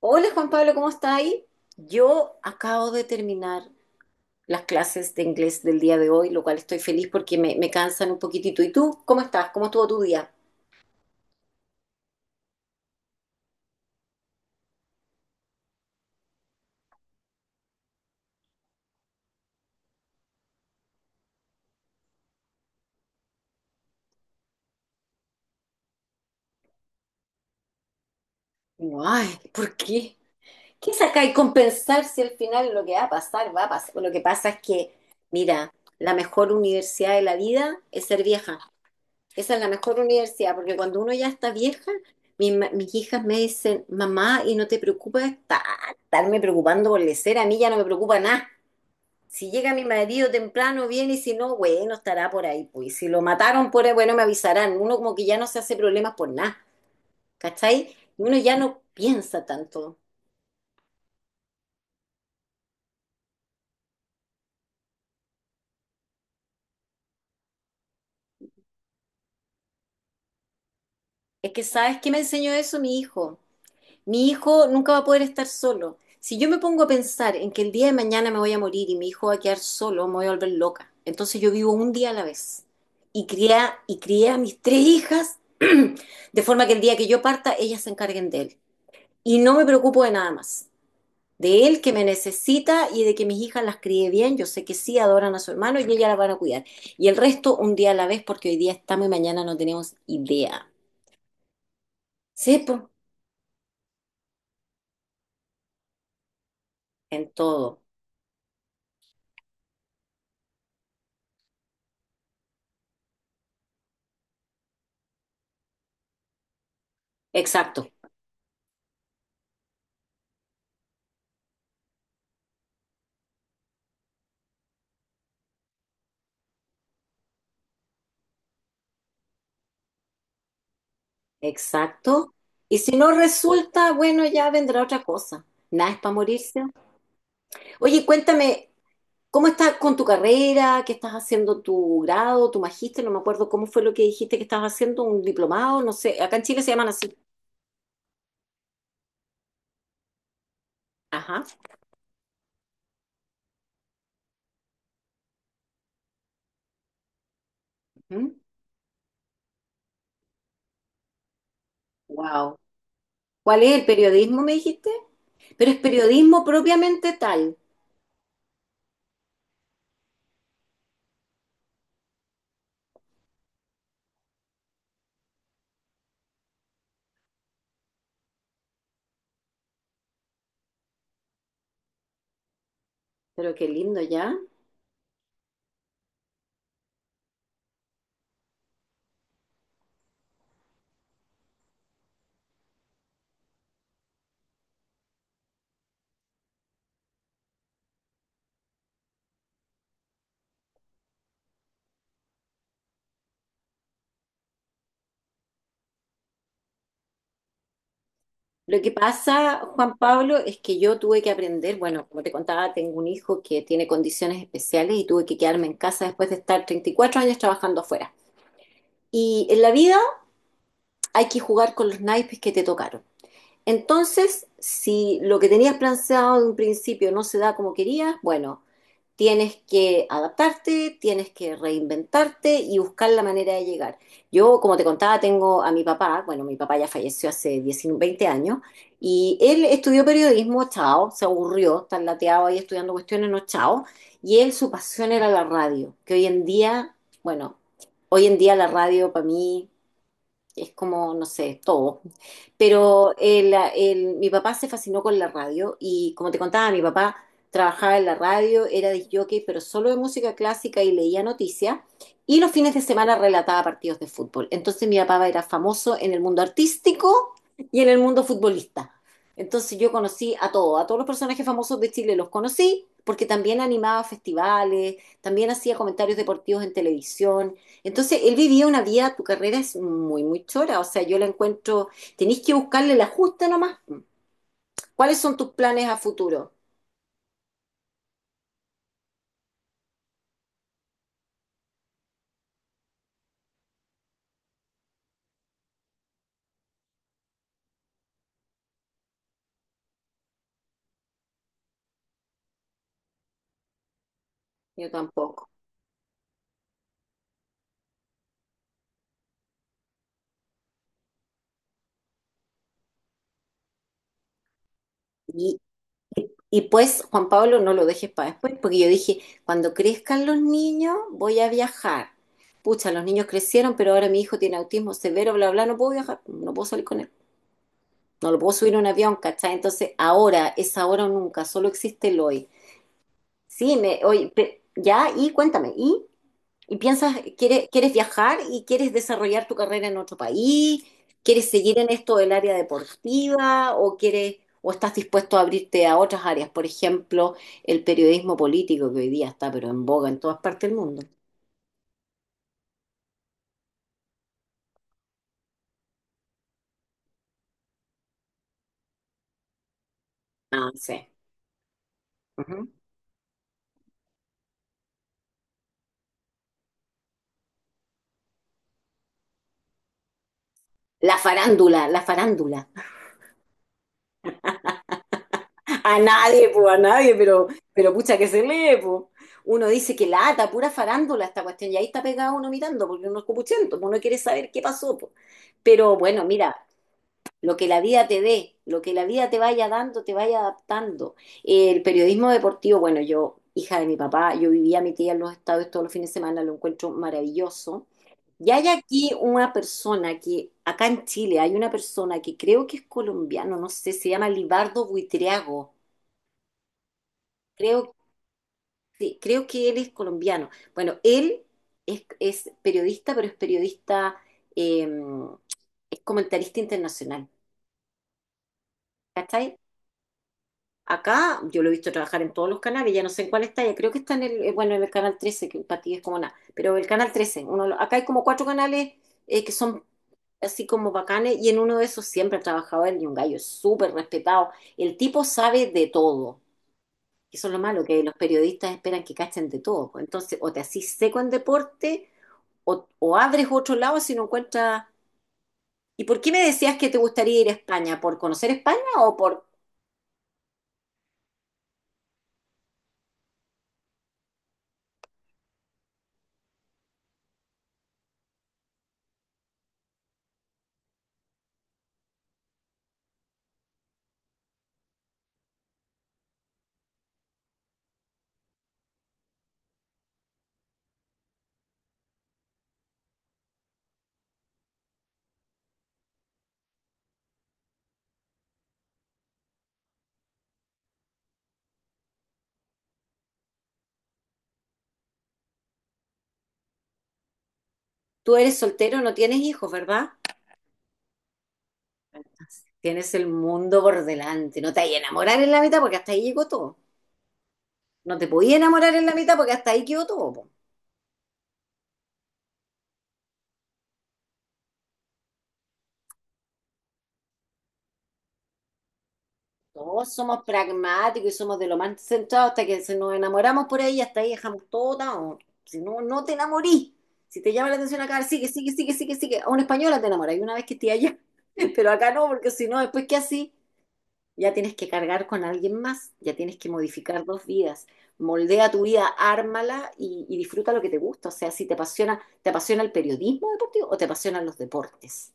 Hola Juan Pablo, ¿cómo está ahí? Yo acabo de terminar las clases de inglés del día de hoy, lo cual estoy feliz porque me cansan un poquitito. ¿Y tú? ¿Cómo estás? ¿Cómo estuvo tu día? Ay, ¿por qué? ¿Qué saca y compensar si al final lo que va a pasar, va a pasar? Lo que pasa es que, mira, la mejor universidad de la vida es ser vieja. Esa es la mejor universidad, porque cuando uno ya está vieja, mis hijas me dicen, mamá, ¿y no te preocupa estarme preocupando por lecer? A mí ya no me preocupa nada. Si llega mi marido temprano, viene y si no, bueno, estará por ahí. Pues si lo mataron por ahí, bueno, me avisarán. Uno como que ya no se hace problemas por nada, ¿cachai? Uno ya no piensa tanto. Es que, ¿sabes qué me enseñó eso mi hijo? Mi hijo nunca va a poder estar solo. Si yo me pongo a pensar en que el día de mañana me voy a morir y mi hijo va a quedar solo, me voy a volver loca. Entonces yo vivo un día a la vez. Y crié, y crié a mis tres hijas de forma que el día que yo parta, ellas se encarguen de él. Y no me preocupo de nada más. De él que me necesita y de que mis hijas las críe bien. Yo sé que sí adoran a su hermano y ellas las van a cuidar. Y el resto un día a la vez, porque hoy día estamos y mañana no tenemos idea. Sí, pues, en todo. Exacto, exacto. Y si no resulta, bueno, ya vendrá otra cosa. Nada es para morirse. Oye, cuéntame, ¿cómo estás con tu carrera? ¿Qué estás haciendo tu grado, tu magíster? No me acuerdo cómo fue lo que dijiste que estabas haciendo, un diplomado, no sé. Acá en Chile se llaman así. Ajá. Wow. ¿Cuál es el periodismo, me dijiste? Pero es periodismo propiamente tal. Pero qué lindo ya. Lo que pasa, Juan Pablo, es que yo tuve que aprender, bueno, como te contaba, tengo un hijo que tiene condiciones especiales y tuve que quedarme en casa después de estar 34 años trabajando afuera. Y en la vida hay que jugar con los naipes que te tocaron. Entonces, si lo que tenías planteado de un principio no se da como querías, bueno, tienes que adaptarte, tienes que reinventarte y buscar la manera de llegar. Yo, como te contaba, tengo a mi papá, bueno, mi papá ya falleció hace 19, 20 años, y él estudió periodismo, chao, se aburrió, tan lateado ahí estudiando cuestiones, no, chao, y él su pasión era la radio, que hoy en día, bueno, hoy en día la radio para mí es como, no sé, todo. Pero mi papá se fascinó con la radio y como te contaba, mi papá trabajaba en la radio, era disc jockey, pero solo de música clásica y leía noticias y los fines de semana relataba partidos de fútbol. Entonces mi papá era famoso en el mundo artístico y en el mundo futbolista. Entonces yo conocí a todos los personajes famosos de Chile los conocí porque también animaba festivales, también hacía comentarios deportivos en televisión. Entonces, él vivía una vida, tu carrera es muy, muy chora, o sea, yo la encuentro, tenéis que buscarle la justa nomás. ¿Cuáles son tus planes a futuro? Yo tampoco. Y, y pues, Juan Pablo, no lo dejes para después, porque yo dije, cuando crezcan los niños, voy a viajar. Pucha, los niños crecieron, pero ahora mi hijo tiene autismo severo, bla, bla, no puedo viajar, no puedo salir con él, no lo puedo subir a un avión, ¿cachai? Entonces, ahora es ahora o nunca, solo existe el hoy. Sí, oye, ya, y cuéntame, ¿y? ¿Y piensas, quieres, quieres viajar y quieres desarrollar tu carrera en otro país? ¿Quieres seguir en esto del área deportiva o quieres o estás dispuesto a abrirte a otras áreas? Por ejemplo, el periodismo político que hoy día está pero en boga en todas partes del mundo. Ah, sí. Ujú. La farándula, la farándula. A nadie, pues, a nadie, pero pucha que se lee, pues. Uno dice que lata, pura farándula esta cuestión, y ahí está pegado uno mirando, porque uno es copuchento, pues, uno quiere saber qué pasó, pues. Pero bueno, mira, lo que la vida te dé, lo que la vida te vaya dando, te vaya adaptando. El periodismo deportivo, bueno, yo, hija de mi papá, yo vivía a mi tía en los estados todos los fines de semana, lo encuentro maravilloso. Y hay aquí una persona que, acá en Chile, hay una persona que creo que es colombiano, no sé, se llama Libardo Buitriago. Creo, sí, creo que él es colombiano. Bueno, él es periodista, pero es periodista, eh, es comentarista internacional. ¿Cachai? Acá yo lo he visto trabajar en todos los canales, ya no sé en cuál está, ya creo que está en el, bueno, en el canal 13 que para ti es como nada, pero el canal 13. Uno, lo- acá hay como cuatro canales que son así como bacanes y en uno de esos siempre ha trabajado él y un gallo súper respetado. El tipo sabe de todo, eso es lo malo, que los periodistas esperan que cachen de todo, pues. Entonces, o te asís seco en deporte o abres otro lado si no encuentras... ¿Y por qué me decías que te gustaría ir a España? ¿Por conocer España o por tú eres soltero, no tienes hijos, ¿verdad? Tienes el mundo por delante. No te hay enamorar en la mitad porque hasta ahí llegó todo. No te podías enamorar en la mitad porque hasta ahí quedó todo, po. Todos somos pragmáticos y somos de lo más centrados hasta que se nos enamoramos por ahí, hasta ahí dejamos todo down. Si no, no te enamorís. Si te llama la atención acá, sigue, sigue, sigue, sigue, sigue. A una española te enamoras y una vez que esté allá. Pero acá no, porque si no, después qué así, ya tienes que cargar con alguien más, ya tienes que modificar dos vidas. Moldea tu vida, ármala y disfruta lo que te gusta. O sea, si te apasiona, ¿te apasiona el periodismo deportivo o te apasionan los deportes?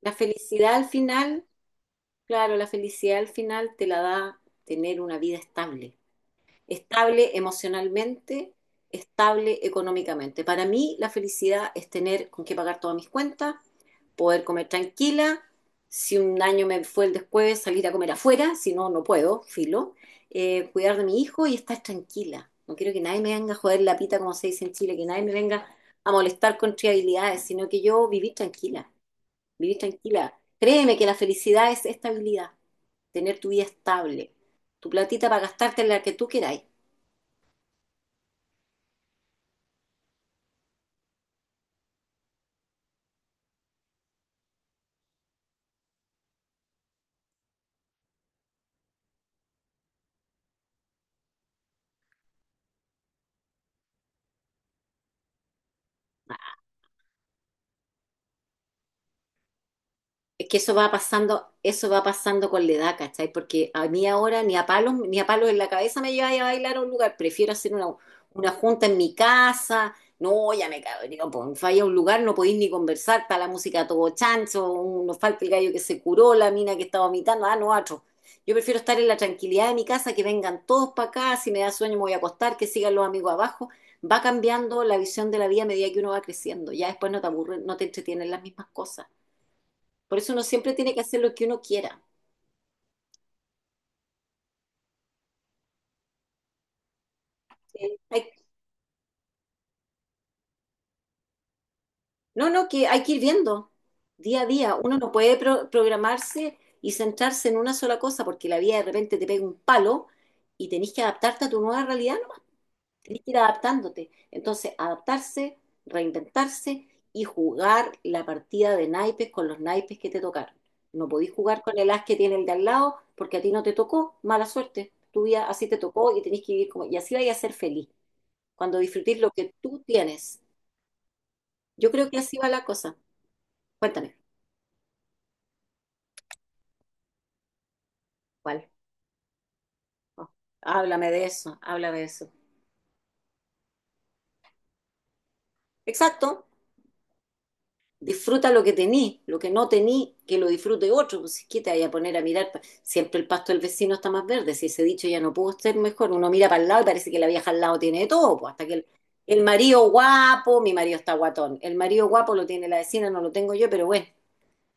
La felicidad al final, claro, la felicidad al final te la da tener una vida estable. Estable emocionalmente, estable económicamente. Para mí, la felicidad es tener con qué pagar todas mis cuentas, poder comer tranquila. Si un año me fue el después, salir a comer afuera, si no, no puedo, filo. Cuidar de mi hijo y estar tranquila. No quiero que nadie me venga a joder la pita, como se dice en Chile, que nadie me venga a molestar con triabilidades, sino que yo vivir tranquila, vivir tranquila. Créeme que la felicidad es estabilidad, tener tu vida estable, tu platita para gastarte en la que tú queráis. Es que eso va pasando con la edad, ¿cachai? Porque a mí ahora ni a palos, ni a palos en la cabeza me lleva a bailar a un lugar. Prefiero hacer una junta en mi casa. No, ya me cabreo, pues falla a un lugar, no podéis ni conversar, está la música a todo chancho, nos falta el gallo que se curó, la mina que está vomitando, ah, no, otro. Yo prefiero estar en la tranquilidad de mi casa, que vengan todos para acá, si me da sueño me voy a acostar, que sigan los amigos abajo. Va cambiando la visión de la vida a medida que uno va creciendo. Ya después no te aburre, no te entretienen las mismas cosas. Por eso uno siempre tiene que hacer lo que uno quiera. Sí. No, no, que hay que ir viendo día a día. Uno no puede programarse y centrarse en una sola cosa porque la vida de repente te pega un palo y tenés que adaptarte a tu nueva realidad, ¿no? Tenés que ir adaptándote. Entonces, adaptarse, reinventarse y jugar la partida de naipes con los naipes que te tocaron. No podís jugar con el as que tiene el de al lado porque a ti no te tocó, mala suerte. Tu vida así te tocó y tenés que vivir como... Y así vayas a ser feliz. Cuando disfrutís lo que tú tienes. Yo creo que así va la cosa. Cuéntame. ¿Cuál? Oh, háblame de eso, háblame de eso. Exacto. Disfruta lo que tení, lo que no tení, que lo disfrute otro. Pues, ¿qué te vaya a poner a mirar? Siempre el pasto del vecino está más verde. Si ese dicho ya no pudo ser mejor, uno mira para el lado y parece que la vieja al lado tiene de todo. Pues, hasta que el marido guapo, mi marido está guatón. El marido guapo lo tiene la vecina, no lo tengo yo, pero bueno,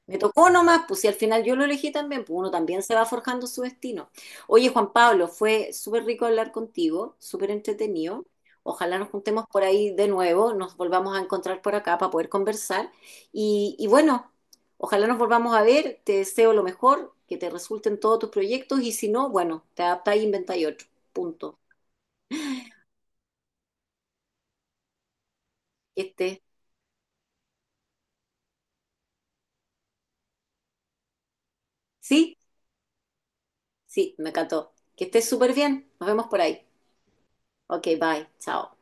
me tocó nomás, pues si al final yo lo elegí también, pues uno también se va forjando su destino. Oye, Juan Pablo, fue súper rico hablar contigo, súper entretenido. Ojalá nos juntemos por ahí de nuevo, nos volvamos a encontrar por acá para poder conversar. Y bueno, ojalá nos volvamos a ver, te deseo lo mejor, que te resulten todos tus proyectos y si no, bueno, te adaptás e inventáis otro. Punto. Que estés, sí, sí, me encantó. Que estés súper bien, nos vemos por ahí. Ok, bye, chao.